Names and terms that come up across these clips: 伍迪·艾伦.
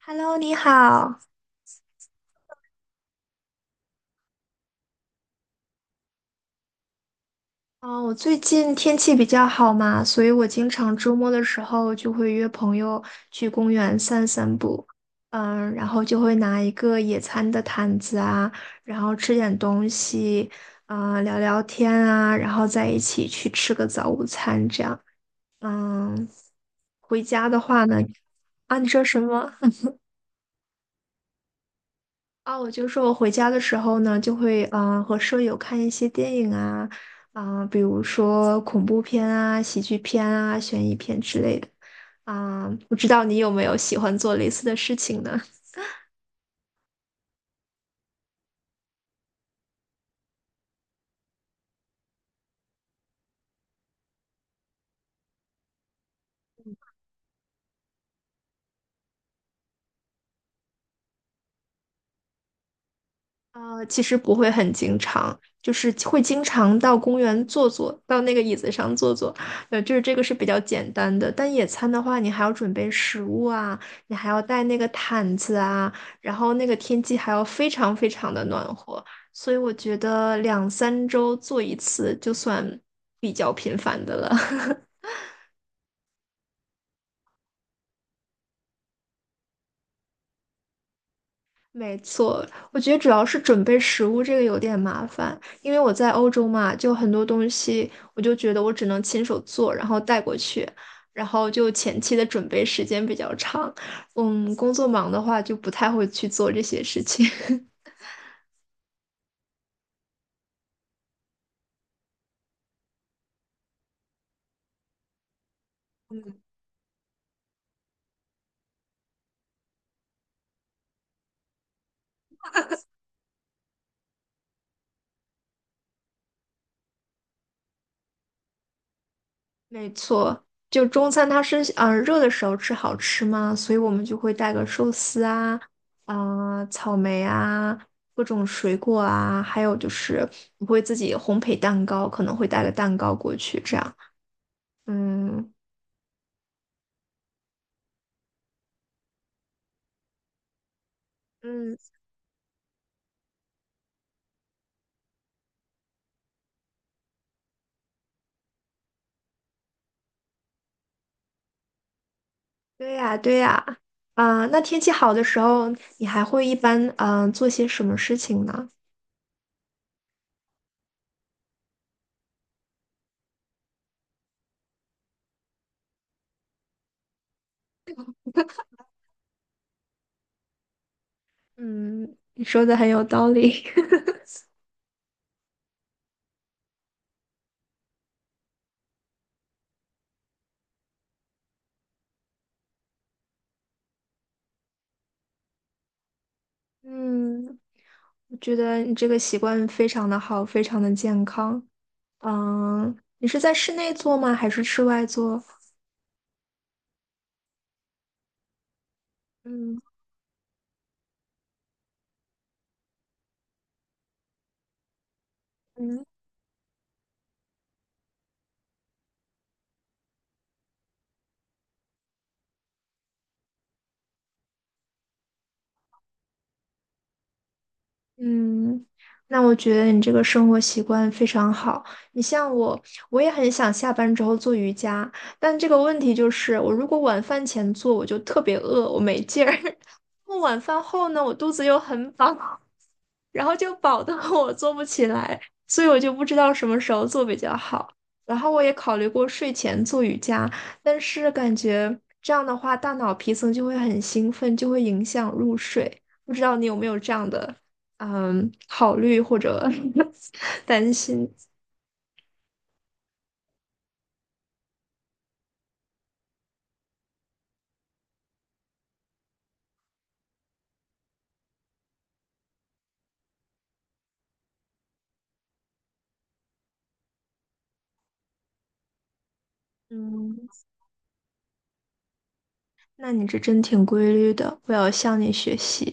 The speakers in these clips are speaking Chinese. Hello，你好。嗯，我最近天气比较好嘛，所以我经常周末的时候就会约朋友去公园散散步。然后就会拿一个野餐的毯子啊，然后吃点东西，聊聊天啊，然后在一起去吃个早午餐这样。嗯，回家的话呢，啊，你说什么？啊，我就说我回家的时候呢，就会和舍友看一些电影啊，啊、比如说恐怖片啊、喜剧片啊、悬疑片之类的。啊、不知道你有没有喜欢做类似的事情呢？啊，其实不会很经常，就是会经常到公园坐坐，到那个椅子上坐坐，就是这个是比较简单的。但野餐的话，你还要准备食物啊，你还要带那个毯子啊，然后那个天气还要非常非常的暖和，所以我觉得两三周做一次就算比较频繁的了。没错，我觉得主要是准备食物这个有点麻烦，因为我在欧洲嘛，就很多东西我就觉得我只能亲手做，然后带过去，然后就前期的准备时间比较长。嗯，工作忙的话就不太会去做这些事情。没错，就中餐它是热的时候吃好吃嘛，所以我们就会带个寿司啊，啊、草莓啊，各种水果啊，还有就是我会自己烘焙蛋糕，可能会带个蛋糕过去这样。嗯嗯，对呀对呀，啊、那天气好的时候，你还会一般做些什么事情呢？嗯，你说的很有道理。嗯，我觉得你这个习惯非常的好，非常的健康。嗯，你是在室内做吗？还是室外做？嗯嗯嗯，那我觉得你这个生活习惯非常好。你像我，我也很想下班之后做瑜伽，但这个问题就是，我如果晚饭前做，我就特别饿，我没劲儿；晚饭后呢，我肚子又很饱。然后就饱得我做不起来，所以我就不知道什么时候做比较好。然后我也考虑过睡前做瑜伽，但是感觉这样的话，大脑皮层就会很兴奋，就会影响入睡。不知道你有没有这样的考虑或者 担心？嗯，那你这真挺规律的，我要向你学习。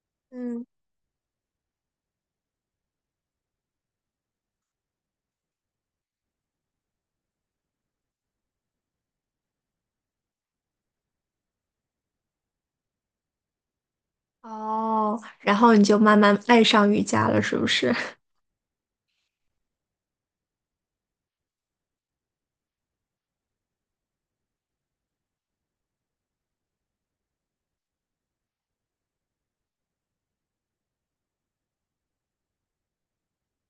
嗯，哦，然后你就慢慢爱上瑜伽了，是不是？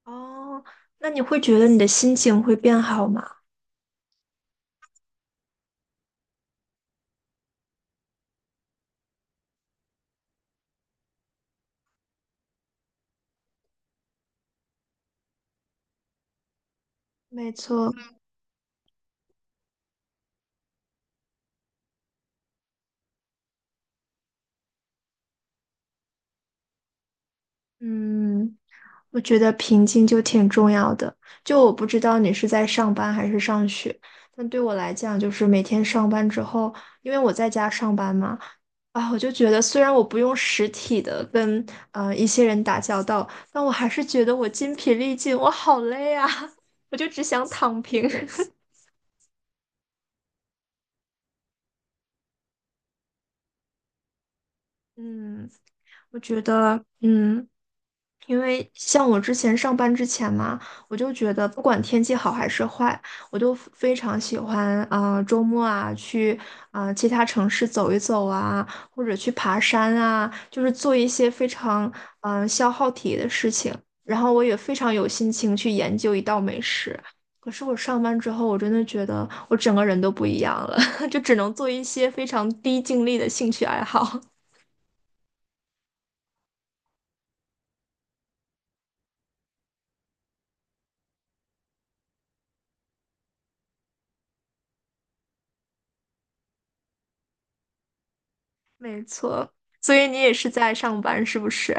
哦，那你会觉得你的心情会变好吗？没错，嗯，我觉得平静就挺重要的。就我不知道你是在上班还是上学，但对我来讲，就是每天上班之后，因为我在家上班嘛，啊，我就觉得虽然我不用实体的跟一些人打交道，但我还是觉得我筋疲力尽，我好累啊，我就只想躺平。嗯，我觉得，嗯。因为像我之前上班之前嘛，我就觉得不管天气好还是坏，我都非非常喜欢周末啊去其他城市走一走啊，或者去爬山啊，就是做一些非常消耗体力的事情。然后我也非常有心情去研究一道美食。可是我上班之后，我真的觉得我整个人都不一样了，就只能做一些非常低精力的兴趣爱好。没错，所以你也是在上班，是不是？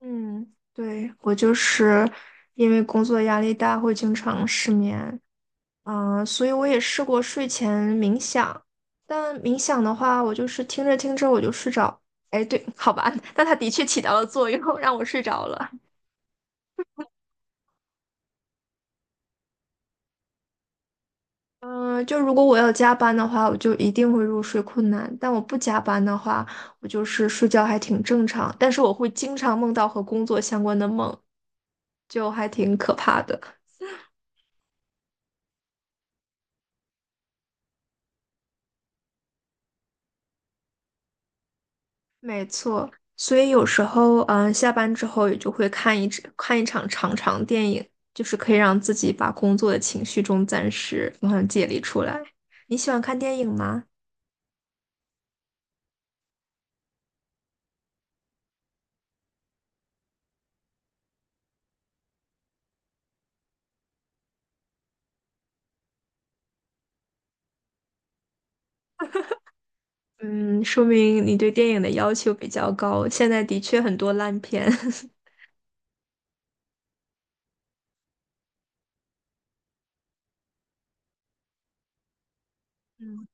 嗯，对，我就是因为工作压力大，会经常失眠，所以我也试过睡前冥想，但冥想的话，我就是听着听着我就睡着，哎，对，好吧，但它的确起到了作用，让我睡着了。嗯、就如果我要加班的话，我就一定会入睡困难，但我不加班的话，我就是睡觉还挺正常，但是我会经常梦到和工作相关的梦，就还挺可怕的。没错，所以有时候，嗯，下班之后也就会看一场长长电影，就是可以让自己把工作的情绪中暂时解离出来。你喜欢看电影吗？嗯，说明你对电影的要求比较高。现在的确很多烂片。嗯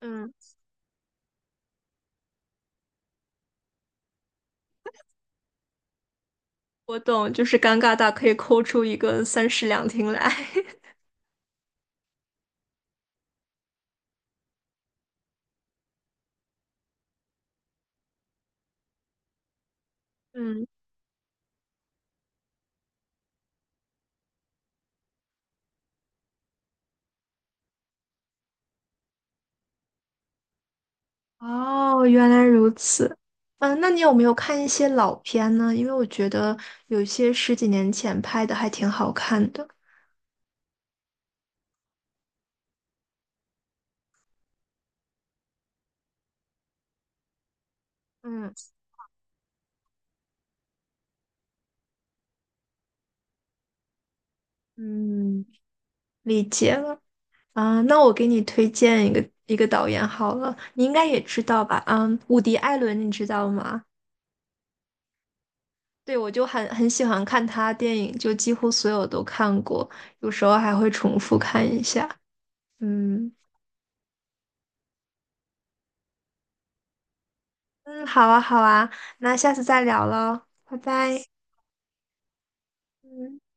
嗯，我懂，就是尴尬到可以抠出一个三室两厅来。嗯。哦，原来如此。嗯，那你有没有看一些老片呢？因为我觉得有些十几年前拍的还挺好看的。嗯嗯，理解啊。那我给你推荐一个导演好了，你应该也知道吧？嗯，伍迪·艾伦，你知道吗？对，我就很很喜欢看他电影，就几乎所有都看过，有时候还会重复看一下。嗯嗯，好啊好啊，那下次再聊喽，拜拜。嗯。